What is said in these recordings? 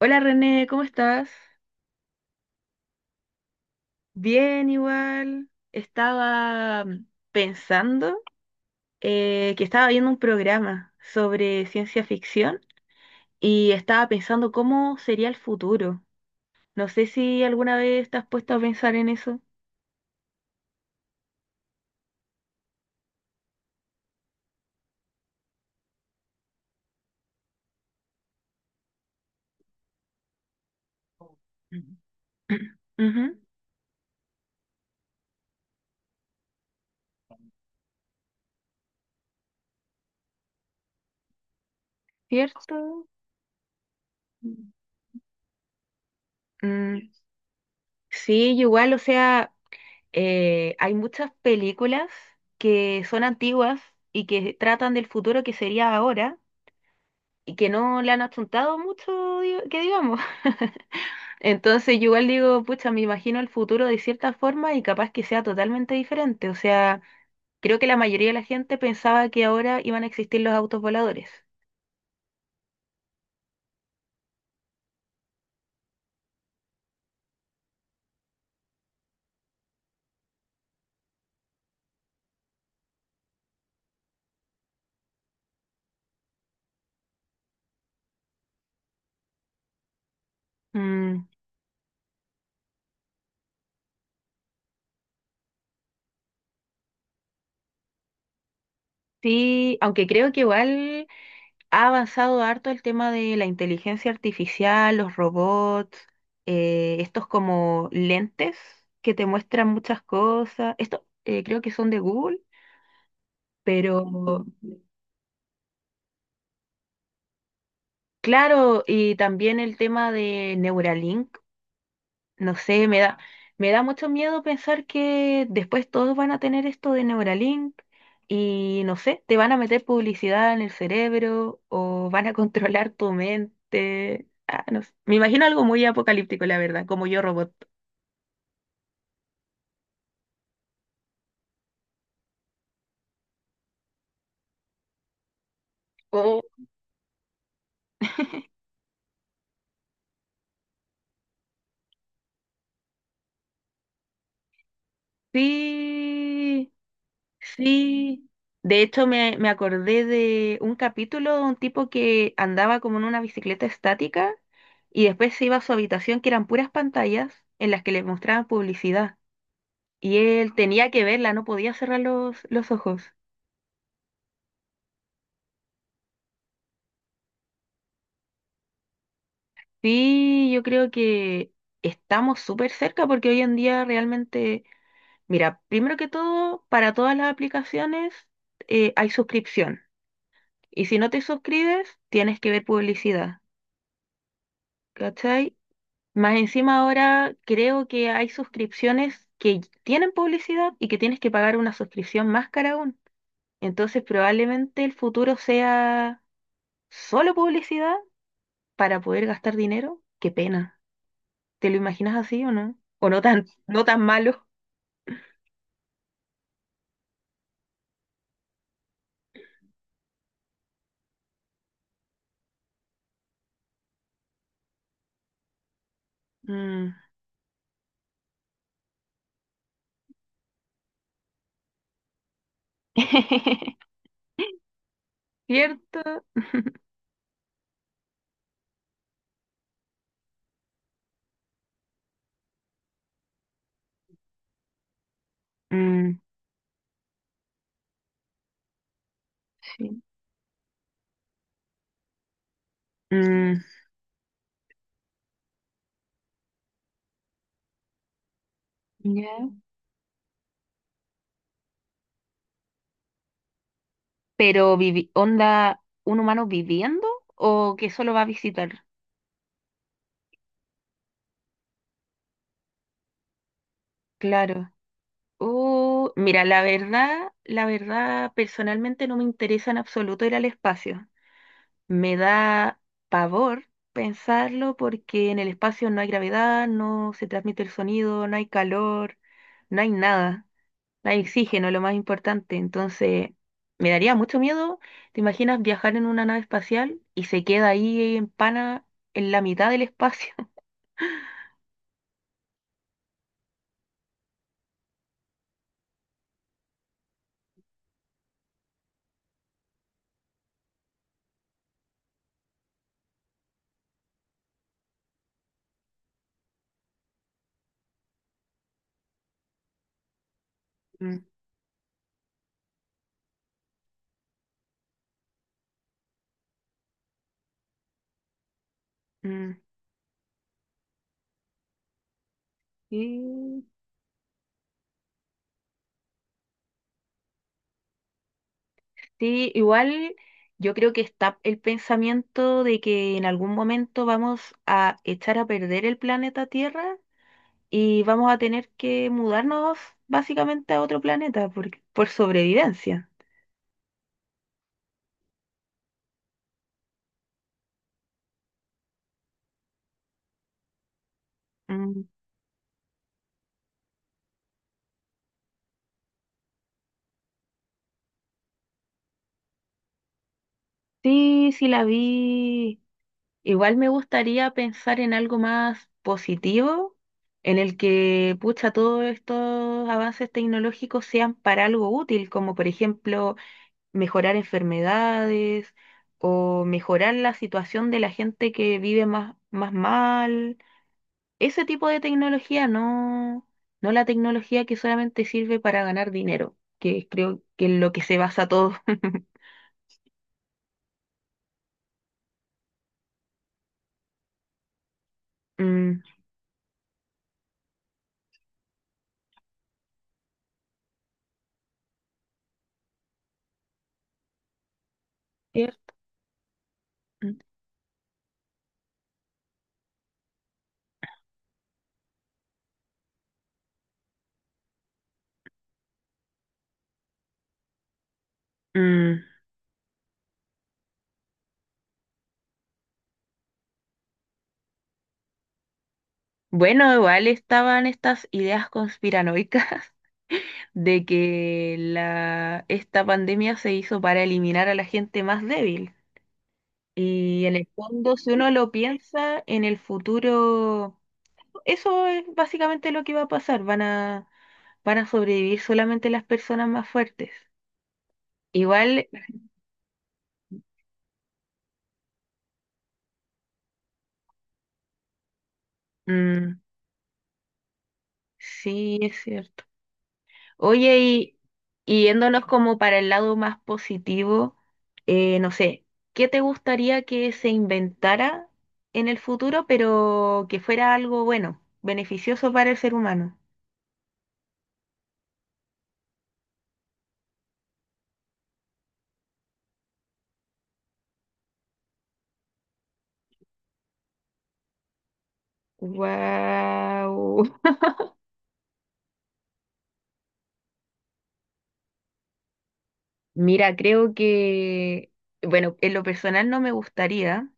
Hola René, ¿cómo estás? Bien, igual. Estaba pensando que estaba viendo un programa sobre ciencia ficción y estaba pensando cómo sería el futuro. No sé si alguna vez te has puesto a pensar en eso. Ujú. Ujú. ¿Cierto? Mm, mm, sí, yo igual, o sea, hay muchas películas que son antiguas y que tratan del futuro que sería ahora y que no le han achuntado mucho, que digamos. Entonces yo igual digo, pucha, me imagino el futuro de cierta forma y capaz que sea totalmente diferente. O sea, creo que la mayoría de la gente pensaba que ahora iban a existir los autos voladores. Mm, sí, aunque creo que igual ha avanzado harto el tema de la inteligencia artificial, los robots, estos como lentes que te muestran muchas cosas. Esto creo que son de Google, pero claro, y también el tema de Neuralink, no sé, me da mucho miedo pensar que después todos van a tener esto de Neuralink y no sé, te van a meter publicidad en el cerebro o van a controlar tu mente. Ah, no sé. Me imagino algo muy apocalíptico, la verdad, como yo robot. Oh, sí, sí, de hecho me acordé de un capítulo de un tipo que andaba como en una bicicleta estática y después se iba a su habitación que eran puras pantallas en las que le mostraban publicidad y él tenía que verla, no podía cerrar los ojos. Sí, yo creo que estamos súper cerca porque hoy en día realmente, mira, primero que todo, para todas las aplicaciones hay suscripción y si no te suscribes tienes que ver publicidad. ¿Cachai? Más encima ahora creo que hay suscripciones que tienen publicidad y que tienes que pagar una suscripción más cara aún. Entonces probablemente el futuro sea solo publicidad para poder gastar dinero. Qué pena. ¿Te lo imaginas así o no? O no tan malo. Mm. ¿Cierto? Mm, sí. Mm. Ya. Pero onda, ¿un humano viviendo o que solo va a visitar? Claro. Mira, la verdad, personalmente no me interesa en absoluto ir al espacio. Me da pavor pensarlo porque en el espacio no hay gravedad, no se transmite el sonido, no hay calor, no hay nada, no hay oxígeno, lo más importante. Entonces, me daría mucho miedo. ¿Te imaginas viajar en una nave espacial y se queda ahí en pana en la mitad del espacio? Mm, mm. Sí, sí, igual yo creo que está el pensamiento de que en algún momento vamos a echar a perder el planeta Tierra y vamos a tener que mudarnos básicamente a otro planeta por sobrevivencia. Mm, sí, sí la vi. Igual me gustaría pensar en algo más positivo, en el que, pucha, todos estos avances tecnológicos sean para algo útil, como por ejemplo mejorar enfermedades o mejorar la situación de la gente que vive más mal. Ese tipo de tecnología, no, no la tecnología que solamente sirve para ganar dinero, que creo que es lo que se basa todo. Mm, cierto. Mm. Bueno, igual estaban estas ideas conspiranoicas de que esta pandemia se hizo para eliminar a la gente más débil. Y en el fondo, si uno lo piensa, en el futuro, eso es básicamente lo que va a pasar. Van a sobrevivir solamente las personas más fuertes. Igual, mm, sí, es cierto. Oye, y yéndonos como para el lado más positivo, no sé, ¿qué te gustaría que se inventara en el futuro, pero que fuera algo bueno, beneficioso para el ser humano? Wow. Mira, creo que, bueno, en lo personal no me gustaría,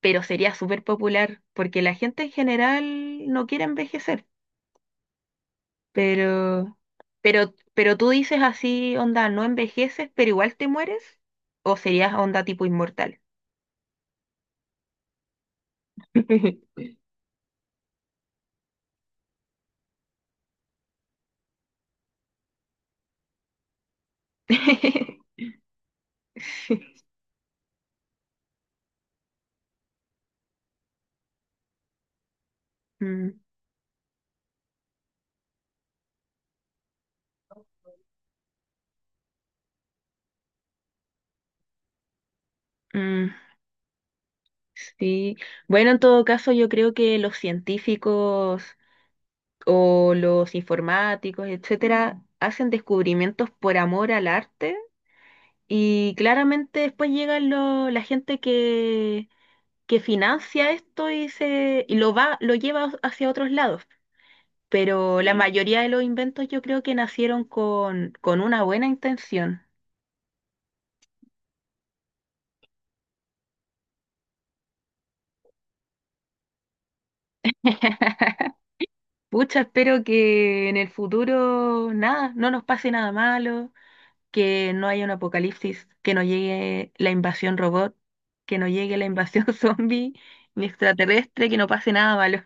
pero sería súper popular, porque la gente en general no quiere envejecer, pero, pero tú dices así, onda, no envejeces, pero igual te mueres, o serías onda tipo inmortal. Mm, mm, sí. Bueno, en todo caso, yo creo que los científicos o los informáticos, etcétera, hacen descubrimientos por amor al arte, y claramente después llega la gente que financia esto y lo va, lo lleva hacia otros lados. Pero la, sí, mayoría de los inventos yo creo que nacieron con una buena intención. Pucha, espero que en el futuro nada, no nos pase nada malo, que no haya un apocalipsis, que no llegue la invasión robot, que no llegue la invasión zombie, ni extraterrestre, que no pase nada malo.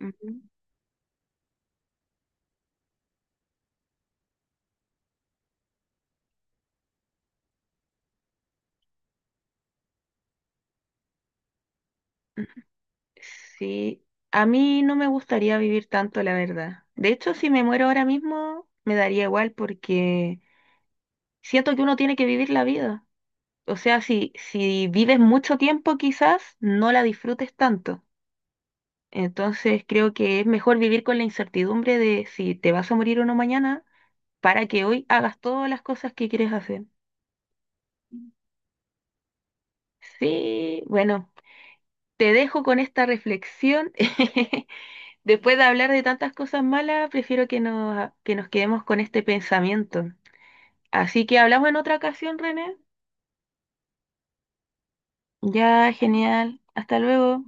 Ujú. Sí, a mí no me gustaría vivir tanto, la verdad. De hecho, si me muero ahora mismo, me daría igual porque siento que uno tiene que vivir la vida. O sea, si, si vives mucho tiempo, quizás no la disfrutes tanto. Entonces, creo que es mejor vivir con la incertidumbre de si te vas a morir o no mañana para que hoy hagas todas las cosas que quieres hacer. Sí, bueno, te dejo con esta reflexión. Después de hablar de tantas cosas malas, prefiero que nos quedemos con este pensamiento. Así que hablamos en otra ocasión, René. Ya, genial. Hasta luego.